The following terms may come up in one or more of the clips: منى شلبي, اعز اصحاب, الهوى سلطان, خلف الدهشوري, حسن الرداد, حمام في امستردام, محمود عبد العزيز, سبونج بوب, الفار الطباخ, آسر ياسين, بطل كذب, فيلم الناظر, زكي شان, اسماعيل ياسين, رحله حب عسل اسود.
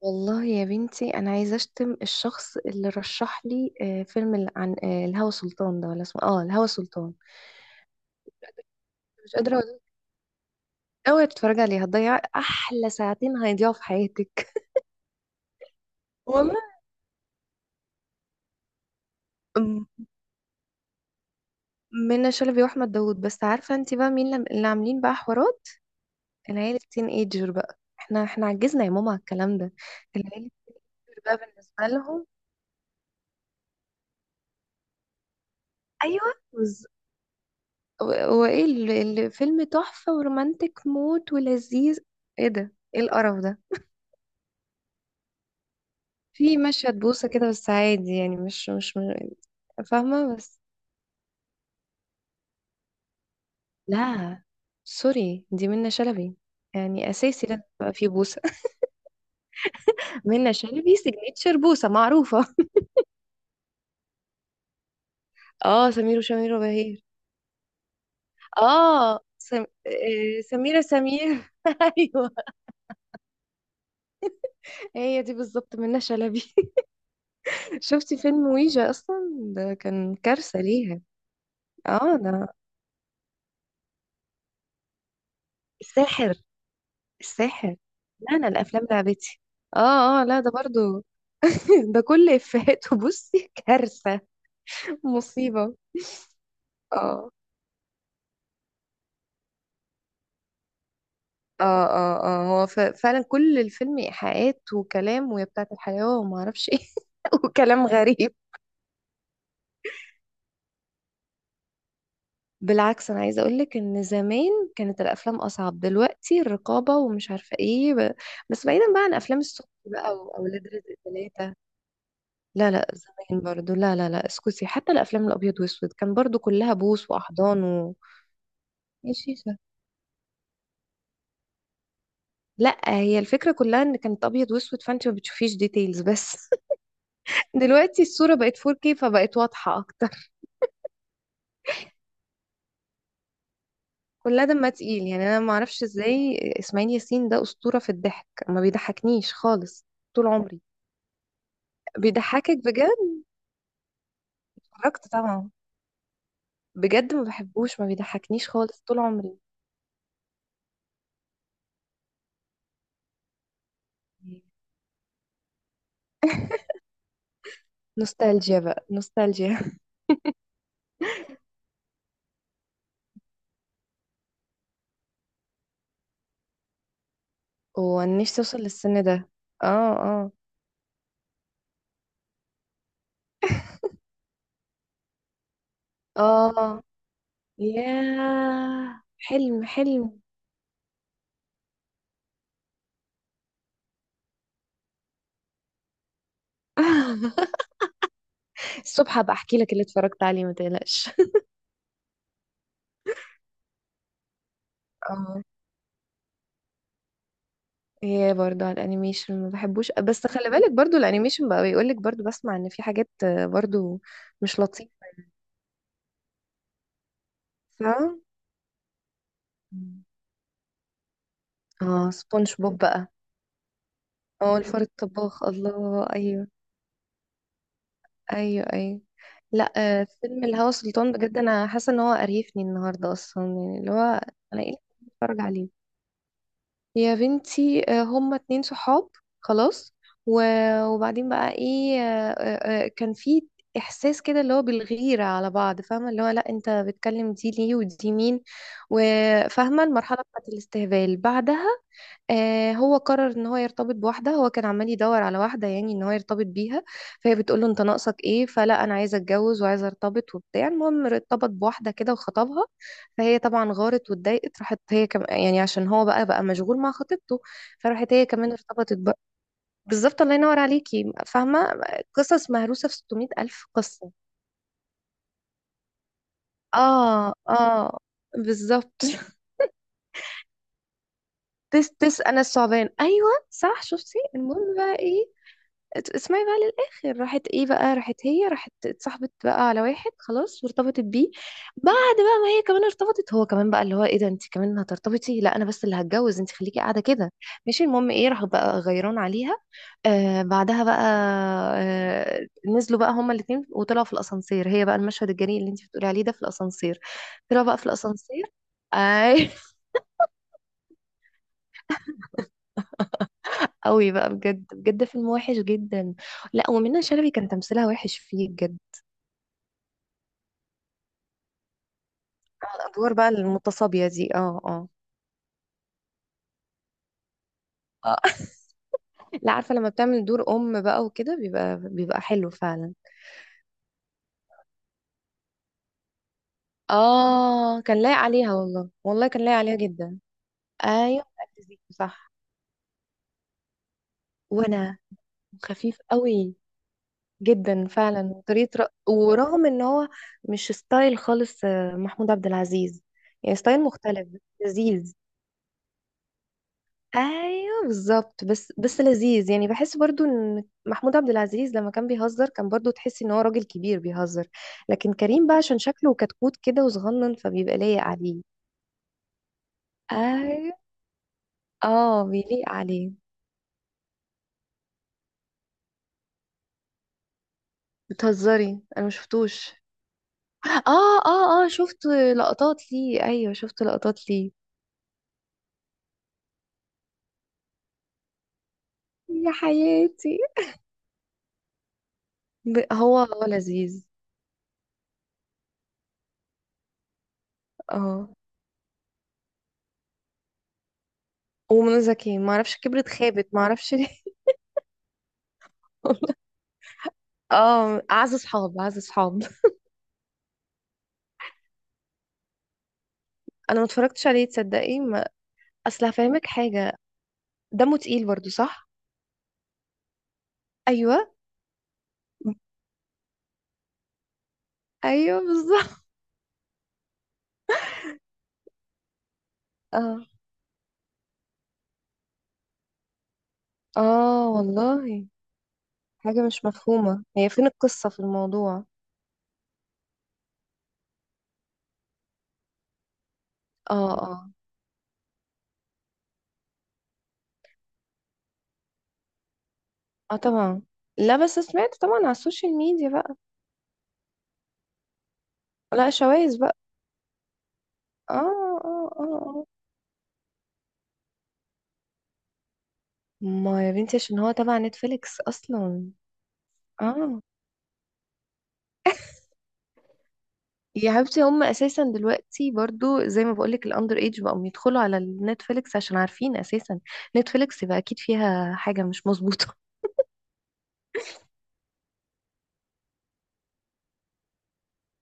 والله يا بنتي انا عايزه اشتم الشخص اللي رشح لي فيلم عن الهوى سلطان ده، ولا اسمه اه الهوى سلطان. مش قادره اقول. اوعي تتفرجي عليه، هتضيع احلى ساعتين، هيضيعوا في حياتك. والله. أم، منى شلبي واحمد داوود. بس عارفه انت بقى مين اللي عاملين بقى حوارات العيله التين ايجر؟ بقى احنا عجزنا يا ماما على الكلام ده. العيله التين بقى بالنسبه لهم. ايوه بز- وايه الفيلم؟ تحفه ورومانتك موت ولذيذ؟ ايه ده، ايه القرف ده؟ في مشهد بوسة كده، بس عادي يعني، مش. فاهمة، بس لا، سوري، دي منة شلبي. يعني أساسي لازم يبقى في بوسة. منة شلبي سيجنتشر بوسة معروفة. اه، سمير وشمير وبهير. اه سم... آه، سميرة سمير. ايوه، هي دي بالظبط منة شلبي. شفتي فيلم ويجا اصلا؟ ده كان كارثة ليها. اه ده الساحر، الساحر. لا انا الافلام لعبتي. اه اه، لا ده برضو. ده كل افهاته. بصي كارثة، مصيبة. اه اه اه اه، هو فعلا كل الفيلم ايحاءات وكلام، ويا بتاعة الحياة، وما اعرفش ايه. وكلام غريب. بالعكس انا عايزه اقول لك ان زمان كانت الافلام اصعب، دلوقتي الرقابه ومش عارفه ايه. بس بعيدا بقى عن افلام السوق بقى، واولاد رزق ثلاثه. لا لا، زمان برضو لا لا لا، اسكتي، حتى الافلام الابيض واسود كان برضو كلها بوس واحضان. ماشي. لا، هي الفكرة كلها ان كانت ابيض واسود فانت ما بتشوفيش ديتيلز بس. دلوقتي الصورة بقت 4K فبقت واضحة اكتر. كلها دمها تقيل يعني، انا ما اعرفش ازاي اسماعيل ياسين ده اسطورة في الضحك. ما بيضحكنيش خالص طول عمري. بيضحكك بجد؟ اتفرجت طبعا، بجد ما بحبوش، ما بيضحكنيش خالص طول عمري. نوستالجيا بقى نوستالجيا. وانا نفسي اوصل للسن ده. اه اه اه، ياه حلم حلم. الصبح هبقى احكي لك اللي اتفرجت عليه، ما تقلقش. اه. هي برضو على الانيميشن ما بحبوش، بس خلي بالك برضو الانيميشن بقى بيقول لك، برضو بسمع ان في حاجات برضو مش لطيفة. ف اه، سبونج بوب بقى. اه، الفار الطباخ، الله، ايوه. ايوه ايوه. لا. فيلم الهوى سلطان، بجد انا حاسه ان هو قريفني النهارده اصلا، يعني اللي هو انا ايه اللي بتفرج عليه؟ يا بنتي، هما اتنين صحاب خلاص، وبعدين بقى ايه، كان في احساس كده اللي هو بالغيرة على بعض، فاهمة؟ اللي هو لا، انت بتكلم دي ليه، ودي مين. وفاهمة المرحلة بتاعت الاستهبال بعدها. هو قرر ان هو يرتبط بواحده. هو كان عمال يدور على واحده، يعني ان هو يرتبط بيها. فهي بتقول له انت ناقصك ايه؟ فلا، انا عايزه اتجوز وعايزه ارتبط وبتاع. المهم ارتبط بواحده كده وخطبها. فهي طبعا غارت واتضايقت، راحت يعني، عشان هو بقى مشغول مع خطيبته. فراحت هي كمان ارتبطت بقى. بالظبط، الله ينور عليكي، فاهمة؟ قصص مهروسة في 600 ألف قصة. اه اه، بالظبط. تس تس، أنا الثعبان، أيوه صح، شفتي؟ المهم بقى إيه. اسمعي بقى للآخر، راحت ايه بقى، راحت هي، راحت اتصاحبت بقى على واحد خلاص وارتبطت بيه. بعد بقى ما هي كمان ارتبطت، هو كمان بقى اللي هو ايه ده، انت كمان هترتبطي؟ لا انا بس اللي هتجوز، انت خليكي قاعدة كده. ماشي، المهم ايه، راحوا بقى غيران عليها. آه بعدها بقى، آه، نزلوا بقى هما الاتنين وطلعوا في الاسانسير. هي بقى المشهد الجريء اللي انت بتقولي عليه ده، في الاسانسير. طلعوا بقى في الاسانسير، اي. قوي بقى، بجد بجد فيلم وحش جدا. لا، ومنى شلبي كان تمثيلها وحش فيه بجد. ادوار بقى المتصابية دي، اه اه. آه. لا عارفة، لما بتعمل دور ام بقى وكده، بيبقى حلو فعلا. اه، كان لايق عليها والله، والله كان لايق عليها جدا. ايوه، أكل زيكو صح. وانا، خفيف قوي، جدا فعلا طريقة ورغم ان هو مش ستايل خالص، محمود عبد العزيز. يعني ستايل مختلف، لذيذ. ايوه بالظبط، بس لذيذ، يعني بحس برضو ان محمود عبد العزيز لما كان بيهزر كان برضو تحس ان هو راجل كبير بيهزر. لكن كريم بقى، عشان شكله كتكوت كده وصغنن، فبيبقى لايق عليه. ايوه، اه بيليق عليه. بتهزري؟ انا مشفتوش. اه اه اه، شفت لقطات ليه، ايوه شفت لقطات ليه. يا حياتي. هو لذيذ. اه، ومنى زكي ما اعرفش كبرت، خابت ما اعرفش ليه. اه، اعز اصحاب، اعز اصحاب. انا ما اتفرجتش عليه، تصدقي ما... اصل هفهمك حاجه. دمه تقيل برضو، صح؟ ايوه ايوه، بالظبط. اه اه، والله. حاجه مش مفهومه، هي فين القصه في الموضوع؟ اه اه اه، طبعا. لا بس سمعت طبعا على السوشيال ميديا بقى. لا، شوايز بقى. اه اه اه، آه. ما يا بنتي، عشان هو تبع نتفليكس اصلا. اه، يا حبيبتي، هم اساسا دلوقتي برضو زي ما بقولك، الاندر ايج بقوا يدخلوا على النتفليكس عشان عارفين اساسا نتفليكس يبقى اكيد فيها حاجه مش مظبوطه.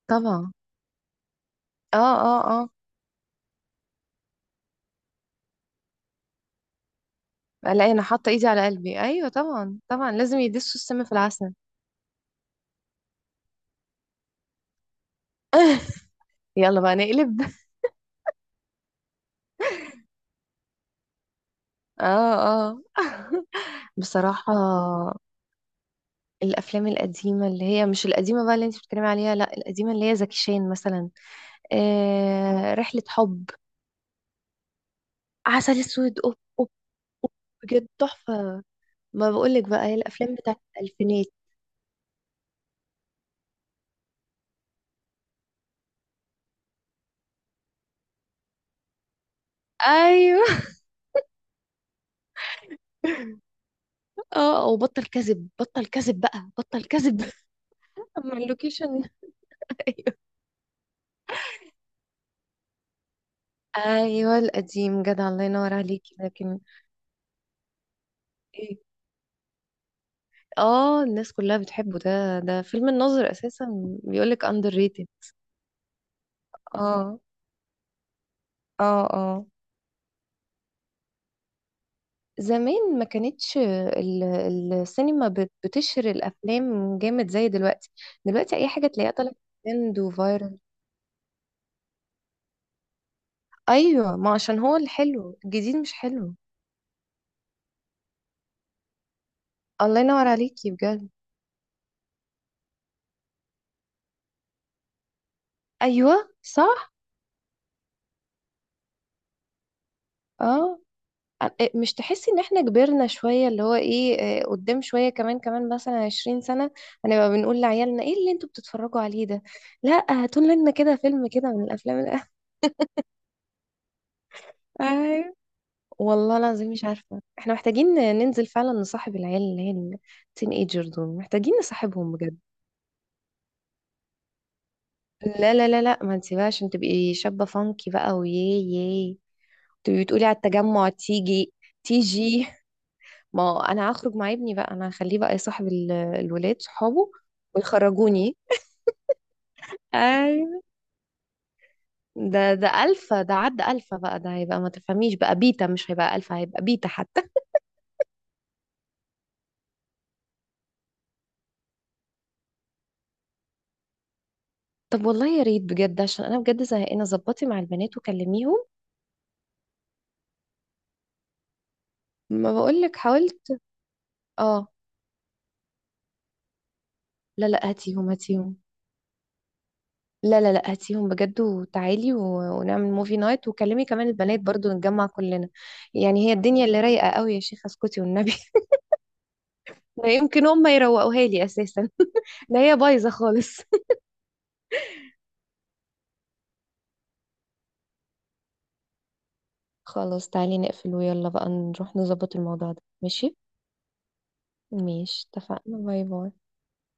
طبعا. اه اه اه، لا انا حاطه ايدي على قلبي، ايوه طبعا، طبعا لازم يدسوا السم في العسل. يلا بقى نقلب. اه اه، بصراحه الافلام القديمه، اللي هي مش القديمه بقى اللي انت بتتكلمي عليها، لا القديمه اللي هي زكي شان مثلا، رحله حب، عسل اسود، اوب اوب، أوب، بجد تحفه. ما بقولك بقى، هي الافلام بتاعت الالفينات. ايوه. اه، وبطل كذب، بطل كذب بقى، بطل كذب. اما اللوكيشن. ايوه ايوه، القديم جدع، الله ينور عليكي، لكن ايه. اه، الناس كلها بتحبه، ده ده فيلم الناظر اساسا. بيقولك اندر ريتد. اه اه اه، زمان ما كانتش السينما بتشهر الافلام جامد زي دلوقتي. دلوقتي اي حاجه تلاقيها طالعه، ترند وفايرال. ايوه، ما عشان هو الحلو الجديد مش حلو. الله ينور عليكي بجد. ايوه صح. اه، مش تحسي ان احنا كبرنا شوية، اللي هو ايه، قدام شوية كمان مثلا 20 سنة، هنبقى بنقول لعيالنا ايه اللي انتوا بتتفرجوا عليه ده؟ لا هاتوا لنا كده فيلم كده من الافلام. ايوه، والله العظيم مش عارفة، احنا محتاجين ننزل فعلا نصاحب العيال، اللي هي التين ايجر دول، محتاجين نصاحبهم بجد. لا لا لا لا، ما تسيبهاش عشان تبقي شابة فانكي بقى، وياه ياه. تبقي بتقولي على التجمع تيجي، تيجي. ما انا هخرج مع ابني بقى، انا هخليه بقى يصاحب الولاد صحابه ويخرجوني. اي، ده الفا، ده عدى الفا بقى، ده هيبقى، ما تفهميش بقى، بيتا، مش هيبقى الفا، هيبقى بيتا حتى. طب والله يا ريت بجد، عشان انا بجد زهقانه، ظبطي مع البنات وكلميهم. ما بقولك حاولت. اه، لا لا، هاتيهم هاتيهم. لا لا لا، هاتيهم بجد وتعالي، ونعمل موفي نايت، وكلمي كمان البنات برضو، نتجمع كلنا. يعني هي الدنيا اللي رايقه قوي يا شيخه، اسكتي والنبي. لا يمكن هم يروقوها لي اساسا. لا هي بايظه خالص. خلاص تعالي نقفل، ويلا بقى نروح نظبط الموضوع ده، ماشي؟ ماشي، اتفقنا. باي باي.